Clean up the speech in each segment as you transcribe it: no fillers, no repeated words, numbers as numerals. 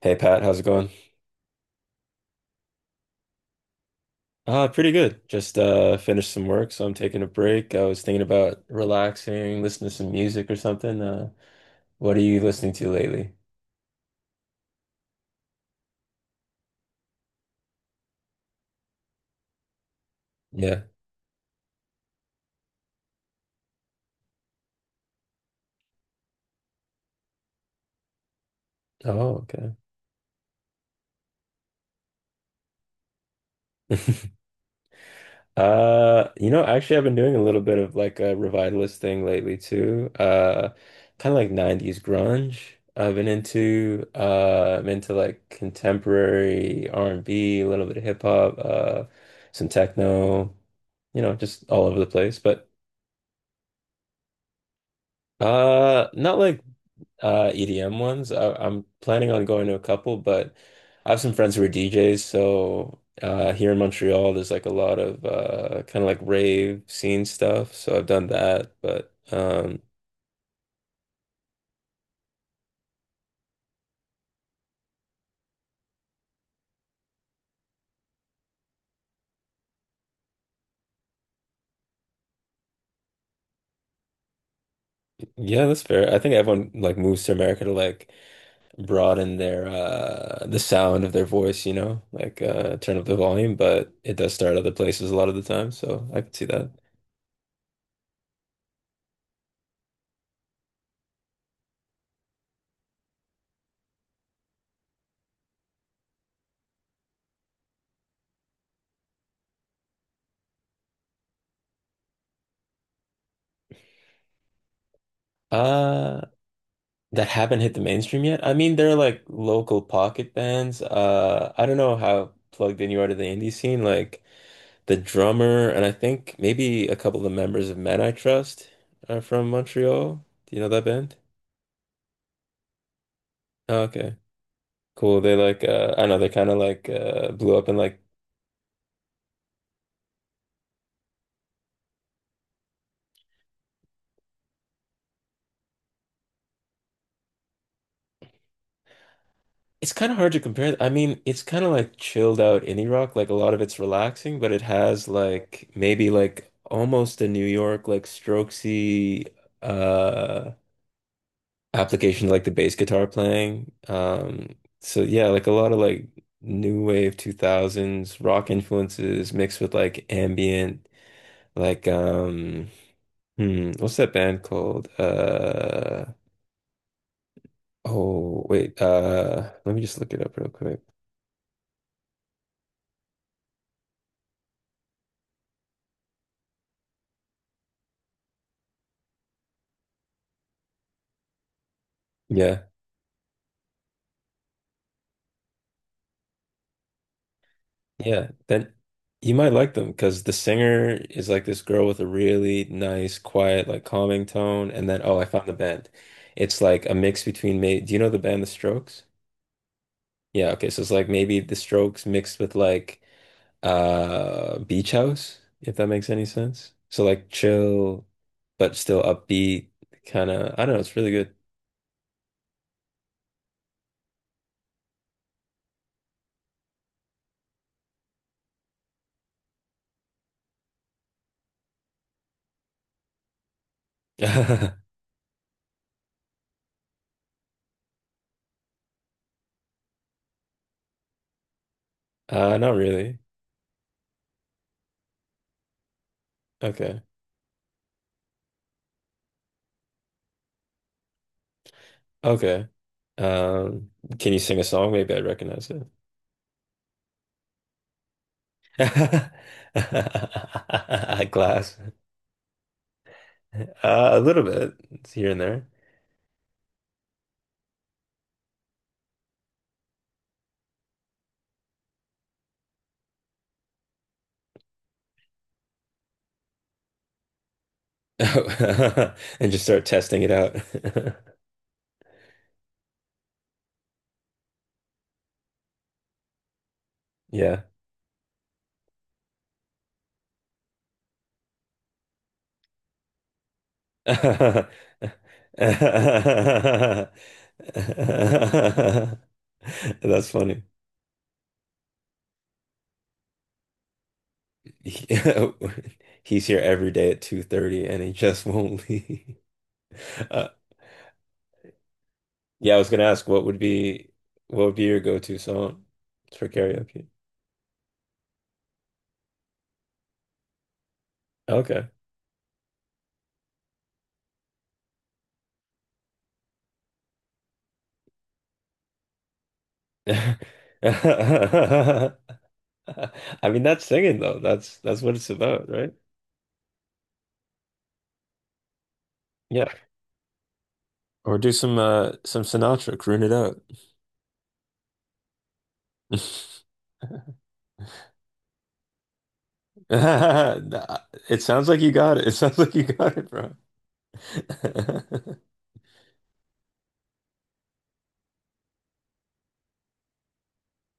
Hey Pat, how's it going? Pretty good. Just finished some work, so I'm taking a break. I was thinking about relaxing, listening to some music or something. What are you listening to lately? Yeah. Oh, okay. Actually I've been doing a little bit of like a revivalist thing lately too. Kind of like 90s grunge. I've been into I'm into like contemporary R&B, a little bit of hip hop, some techno, you know, just all over the place, but not like EDM ones. I'm planning on going to a couple, but I have some friends who are DJs, so here in Montreal there's like a lot of kind of like rave scene stuff, so I've done that, but yeah, that's fair. I think everyone like moves to America to like broaden their the sound of their voice, you know, like turn up the volume, but it does start other places a lot of the time, so I could see that. Uh, that haven't hit the mainstream yet. I mean, they're like local pocket bands. I don't know how plugged in you are to the indie scene. Like the drummer, and I think maybe a couple of the members of Men I Trust are from Montreal. Do you know that band? Oh, okay, cool. They like I don't know. They kind of like blew up in like It's kind of hard to compare. I mean, it's kind of like chilled out indie rock. Like a lot of it's relaxing, but it has like maybe like almost a New York like Strokesy uh application like the bass guitar playing. So yeah, like a lot of like new wave 2000s rock influences mixed with like ambient like hmm, what's that band called? Oh, wait. Let me just look it up real quick. Yeah. Yeah, then you might like them because the singer is like this girl with a really nice, quiet, like calming tone. And then, oh, I found the band. It's like a mix between me. Do you know the band The Strokes? Yeah, okay. So it's like maybe The Strokes mixed with like Beach House, if that makes any sense. So like chill, but still upbeat, kind of. I don't know. It's really good. Not really. Okay. Okay. Um, can you sing a song? Maybe I recognize it. Glass. A little bit. It's here and there. And just start testing it out. Yeah. That's funny. He- He's here every day at 2:30 and he just won't leave. Uh, yeah, I was gonna ask what would be your go-to song for karaoke? Okay. I mean, that's singing though. That's what it's about, right? Yeah. Or do some Sinatra, croon it out. Nah, it sounds like you got it, bro.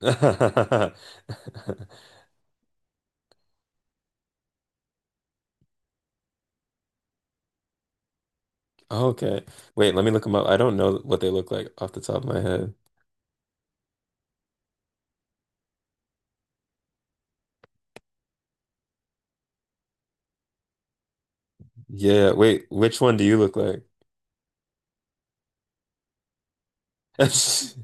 Okay. Wait, let me look them up. I don't know what they look like off the top of my head. Yeah, wait, which one do you look like?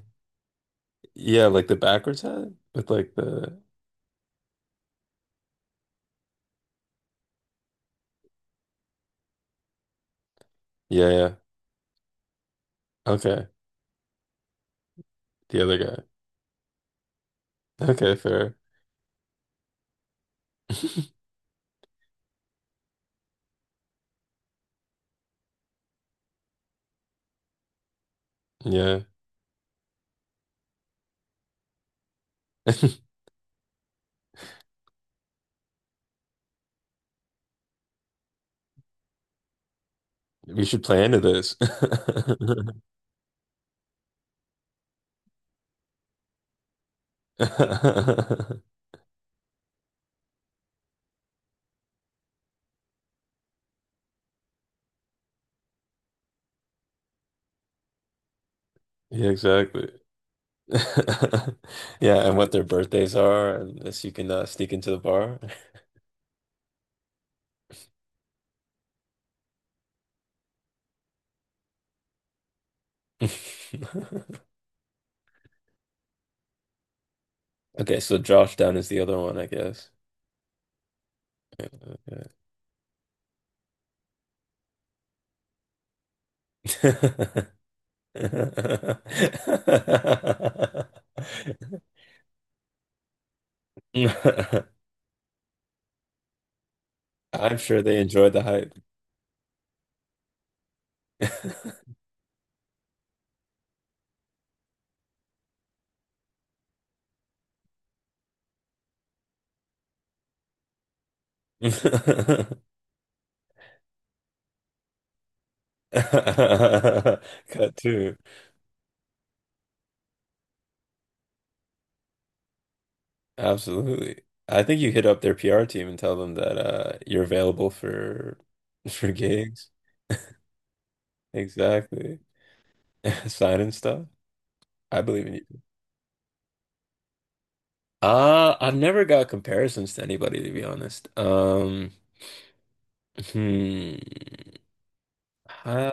Yeah, like the backwards hat with like the yeah, yeah. Okay. The other guy. Okay, fair. Yeah. You should play into this. Yeah, exactly. Yeah, and what their birthdays are, and this you can sneak into the bar. Okay, so Josh Down is the other one, I guess. Okay. I'm sure they enjoyed the hype. Cut two. Absolutely. I think you hit up their PR team and tell them that you're available for for gigs. Exactly. Sign and stuff. I believe in you. I've never got comparisons to anybody to be honest. Hmm. Uh,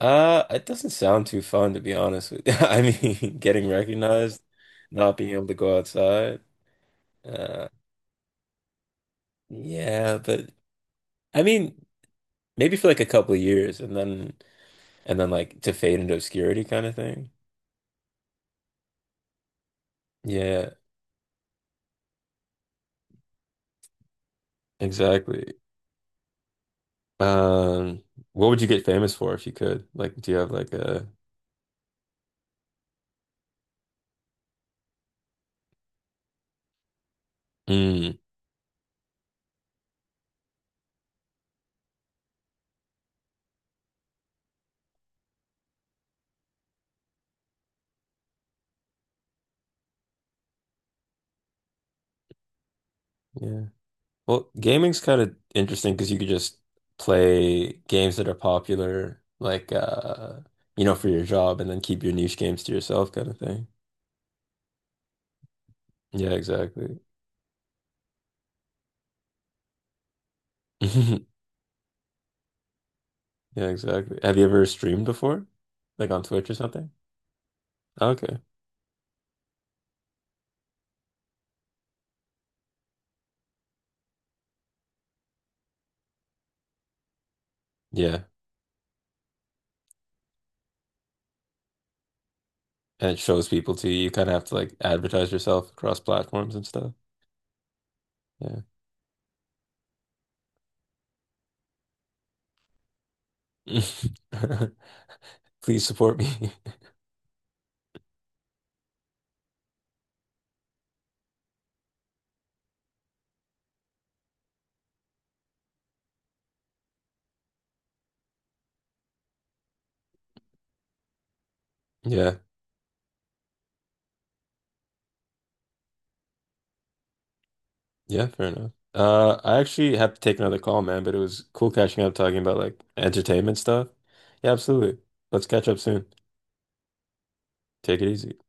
it doesn't sound too fun to be honest with you. I mean, getting recognized, not being able to go outside. Uh, yeah, but I mean, maybe for like a couple of years and then like to fade into obscurity kind of thing. Yeah, exactly. Um, what would you get famous for if you could? Like, do you have like a, mm, yeah. Well, gaming's kind of interesting because you could just play games that are popular, like you know, for your job and then keep your niche games to yourself kind of thing. Yeah, exactly. Yeah, exactly. Have you ever streamed before? Like on Twitch or something? Okay. Yeah. And it shows people to you. You kind of have to like advertise yourself across platforms and stuff. Yeah. Please support me. Yeah, yeah, fair enough. I actually have to take another call, man, but it was cool catching up talking about like entertainment stuff. Yeah, absolutely. Let's catch up soon. Take it easy.